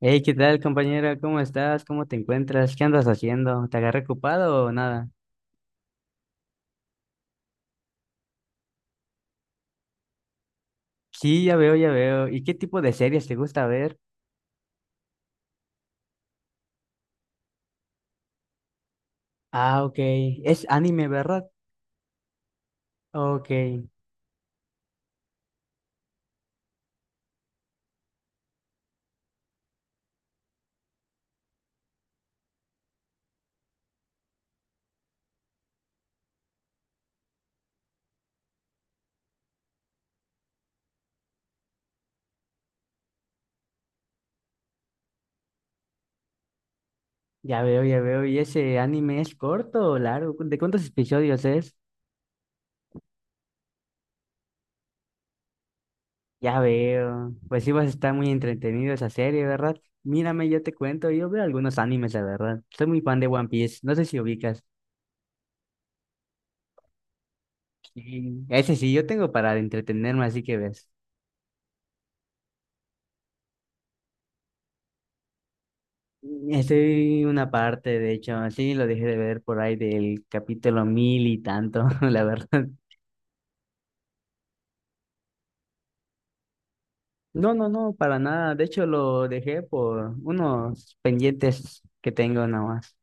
Hey, ¿qué tal, compañera? ¿Cómo estás? ¿Cómo te encuentras? ¿Qué andas haciendo? ¿Te agarré ocupado o nada? Sí, ya veo, ya veo. ¿Y qué tipo de series te gusta ver? Ah, ok. Es anime, ¿verdad? Ok, ya veo, ya veo. ¿Y ese anime es corto o largo? ¿De cuántos episodios es? Ya veo. Pues sí vas a estar muy entretenido esa serie, ¿verdad? Mírame, yo te cuento, yo veo algunos animes, la verdad. Soy muy fan de One Piece, no sé si ubicas. Sí. Ese sí, yo tengo para entretenerme, así que ves. Estoy una parte, de hecho, sí, lo dejé de ver por ahí del capítulo 1000 y tanto, la verdad. No, no, no, para nada. De hecho, lo dejé por unos pendientes que tengo nada más.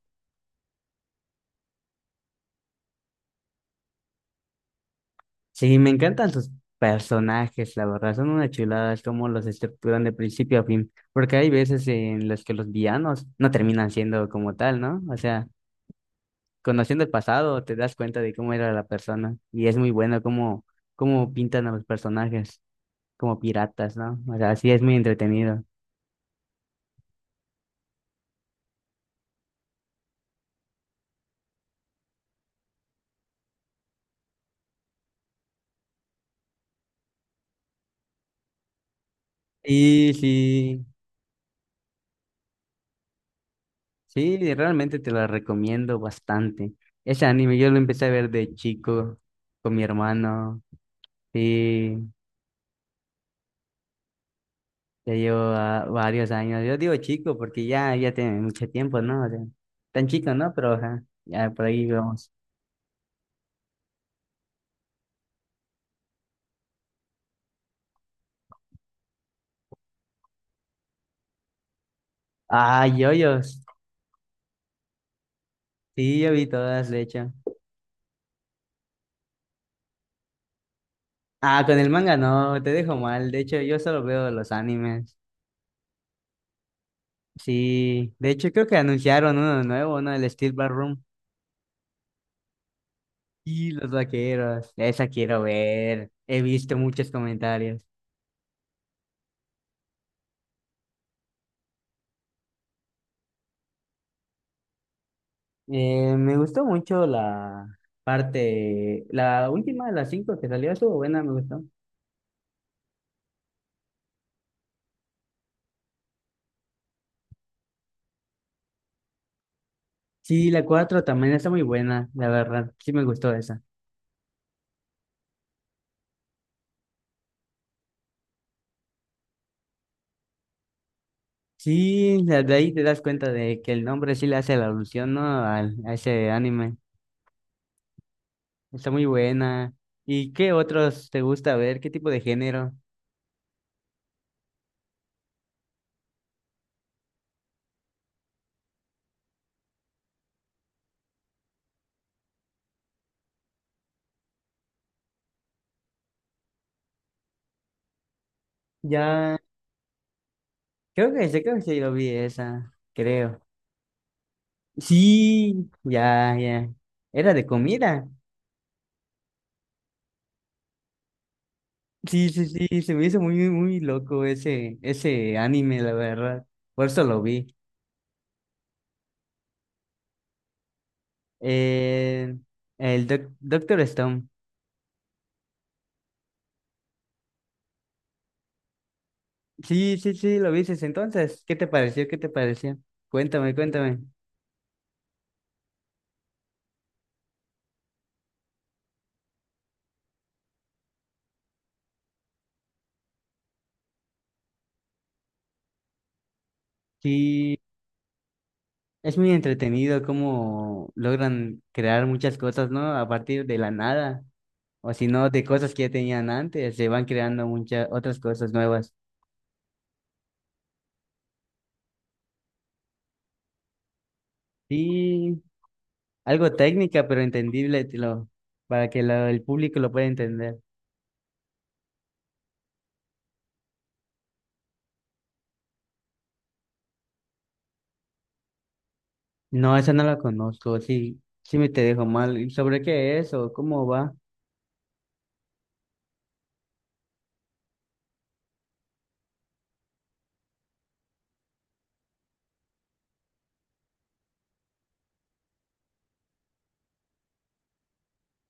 Sí, me encantan sus personajes, la verdad. Son una chulada, es como los estructuran de principio a fin. Porque hay veces en las que los villanos no terminan siendo como tal, ¿no? O sea, conociendo el pasado, te das cuenta de cómo era la persona. Y es muy bueno cómo, cómo pintan a los personajes. Como piratas, ¿no? O sea, sí es muy entretenido. Y sí, sí, realmente te la recomiendo bastante. Ese anime yo lo empecé a ver de chico con mi hermano. Sí, ya llevo varios años. Yo digo chico porque ya, ya tiene mucho tiempo, ¿no? O sea, tan chico, ¿no? Pero ajá, ya por ahí vamos. Ah, yoyos. Sí, yo vi todas, de hecho. Ah, con el manga no, te dejo mal. De hecho, yo solo veo los animes. Sí, de hecho creo que anunciaron uno nuevo, ¿no? El Steel Ballroom y los vaqueros. Esa quiero ver. He visto muchos comentarios. Me gustó mucho la parte, la última de las cinco que salió, estuvo buena, me gustó. Sí, la cuatro también está muy buena, la verdad. Sí me gustó esa. Sí, la- de ahí te das cuenta de que el nombre sí le hace la alusión, ¿no? Al, a ese anime. Está muy buena. ¿Y qué otros te gusta ver? ¿Qué tipo de género? Ya. Yo creo que sí lo vi esa, creo. Sí, ya, ya. Era de comida. Sí, sí, sí, se me hizo muy, muy loco ese, ese anime, la verdad. Por eso lo vi. Eh, Doctor Stone. Sí, sí, sí, lo viste entonces. ¿Qué te pareció? ¿Qué te pareció? Cuéntame, cuéntame. Sí, es muy entretenido cómo logran crear muchas cosas, ¿no? A partir de la nada. O si no, de cosas que ya tenían antes, se van creando muchas otras cosas nuevas. Sí, algo técnica, pero entendible, te lo- para que lo- el público lo pueda entender. No, esa no la conozco, sí, sí me te dejo mal. ¿Y sobre qué es o cómo va?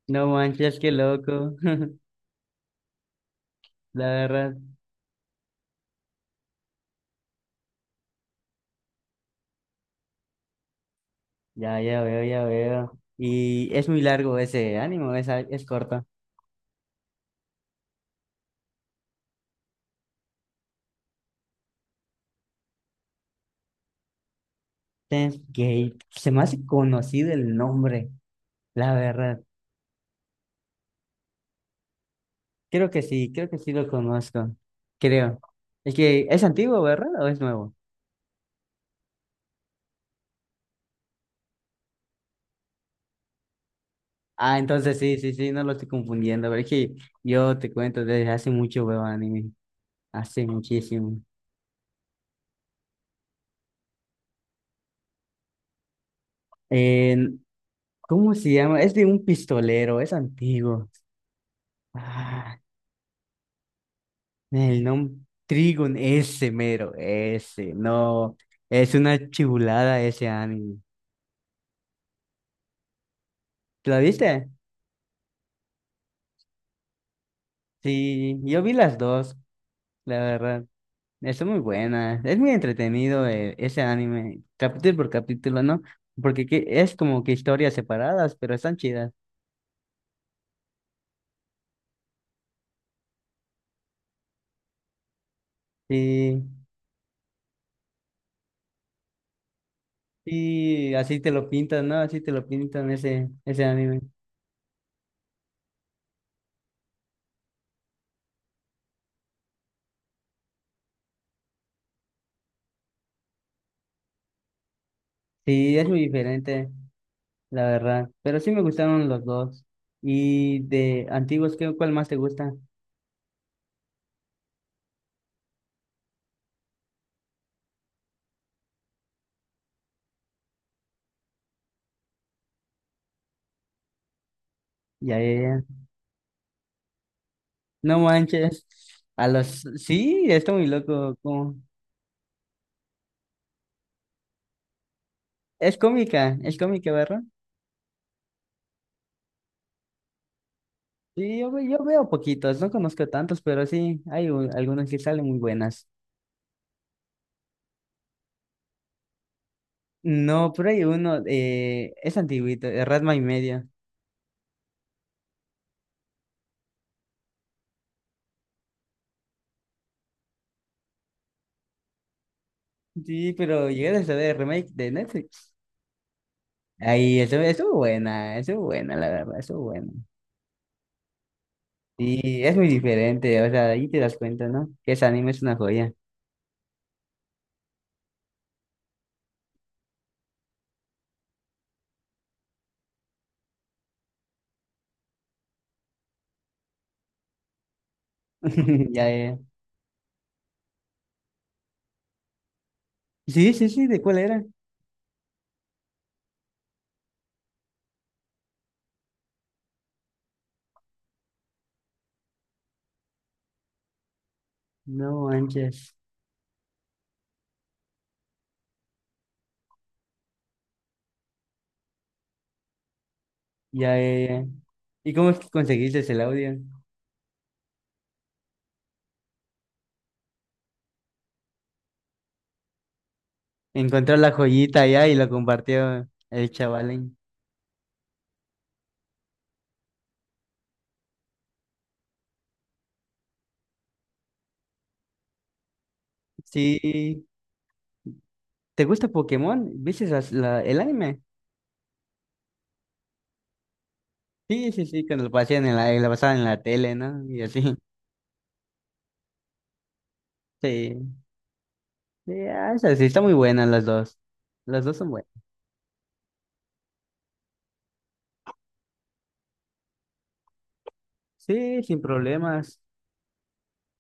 No manches, qué loco. La verdad, ya, ya veo, ya veo. Y es muy largo ese ánimo, es corto. Steins Gate, se me hace conocido el nombre, la verdad. Creo que sí lo conozco. Creo. Es que es antiguo, ¿verdad? ¿O es nuevo? Ah, entonces sí, sí, sí, no lo estoy confundiendo. Pero es que yo te cuento desde hace mucho veo anime. Hace muchísimo. Eh, ¿Cómo se llama? Es de un pistolero, es antiguo. Ah, el nombre Trigun, ese mero, ese, no. Es una chibulada ese anime. ¿Lo viste? Sí, yo vi las dos, la verdad. Está muy buena, es muy entretenido ese anime, capítulo por capítulo, ¿no? Es como que historias separadas, pero están chidas. Sí, sí, así te lo pintan, ¿no? Así te lo pintan ese, ese anime. Sí, es muy diferente, la verdad. Pero sí me gustaron los dos. Y de antiguos, ¿qué, cuál más te gusta? Ya, ya, ya. No manches. A los, sí, está muy loco. Como... es cómica, ¿verdad? Yo veo poquitos, no conozco tantos, pero sí, algunos que salen muy buenas. No, pero hay uno, es antiguito, de Ratma y media. Sí, pero llegué a saber el remake de Netflix. Ahí, eso, estuvo buena, la verdad, estuvo buena. Y es muy diferente, o sea, ahí te das cuenta, ¿no? Que ese anime es una joya. Ya, ya. Sí, sí, sí, ¿de cuál era? No manches. Ya, ya, ya. ¿Y cómo es que conseguiste el audio? Encontró la joyita allá y lo compartió el chavalín. Sí, ¿te gusta Pokémon? ¿Viste el anime? Sí, sí, sí, cuando lo pasaban en la, lo pasaban en la tele, ¿no? Y así. Sí, sí, ah, esa sí, está muy buena las dos. Las dos son buenas. Sí, sin problemas.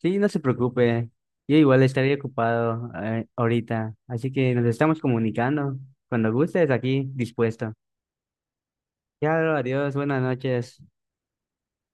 Sí, no se preocupe. Yo igual estaré ocupado ahorita. Así que nos estamos comunicando. Cuando gustes, aquí dispuesto. Ya, adiós, buenas noches.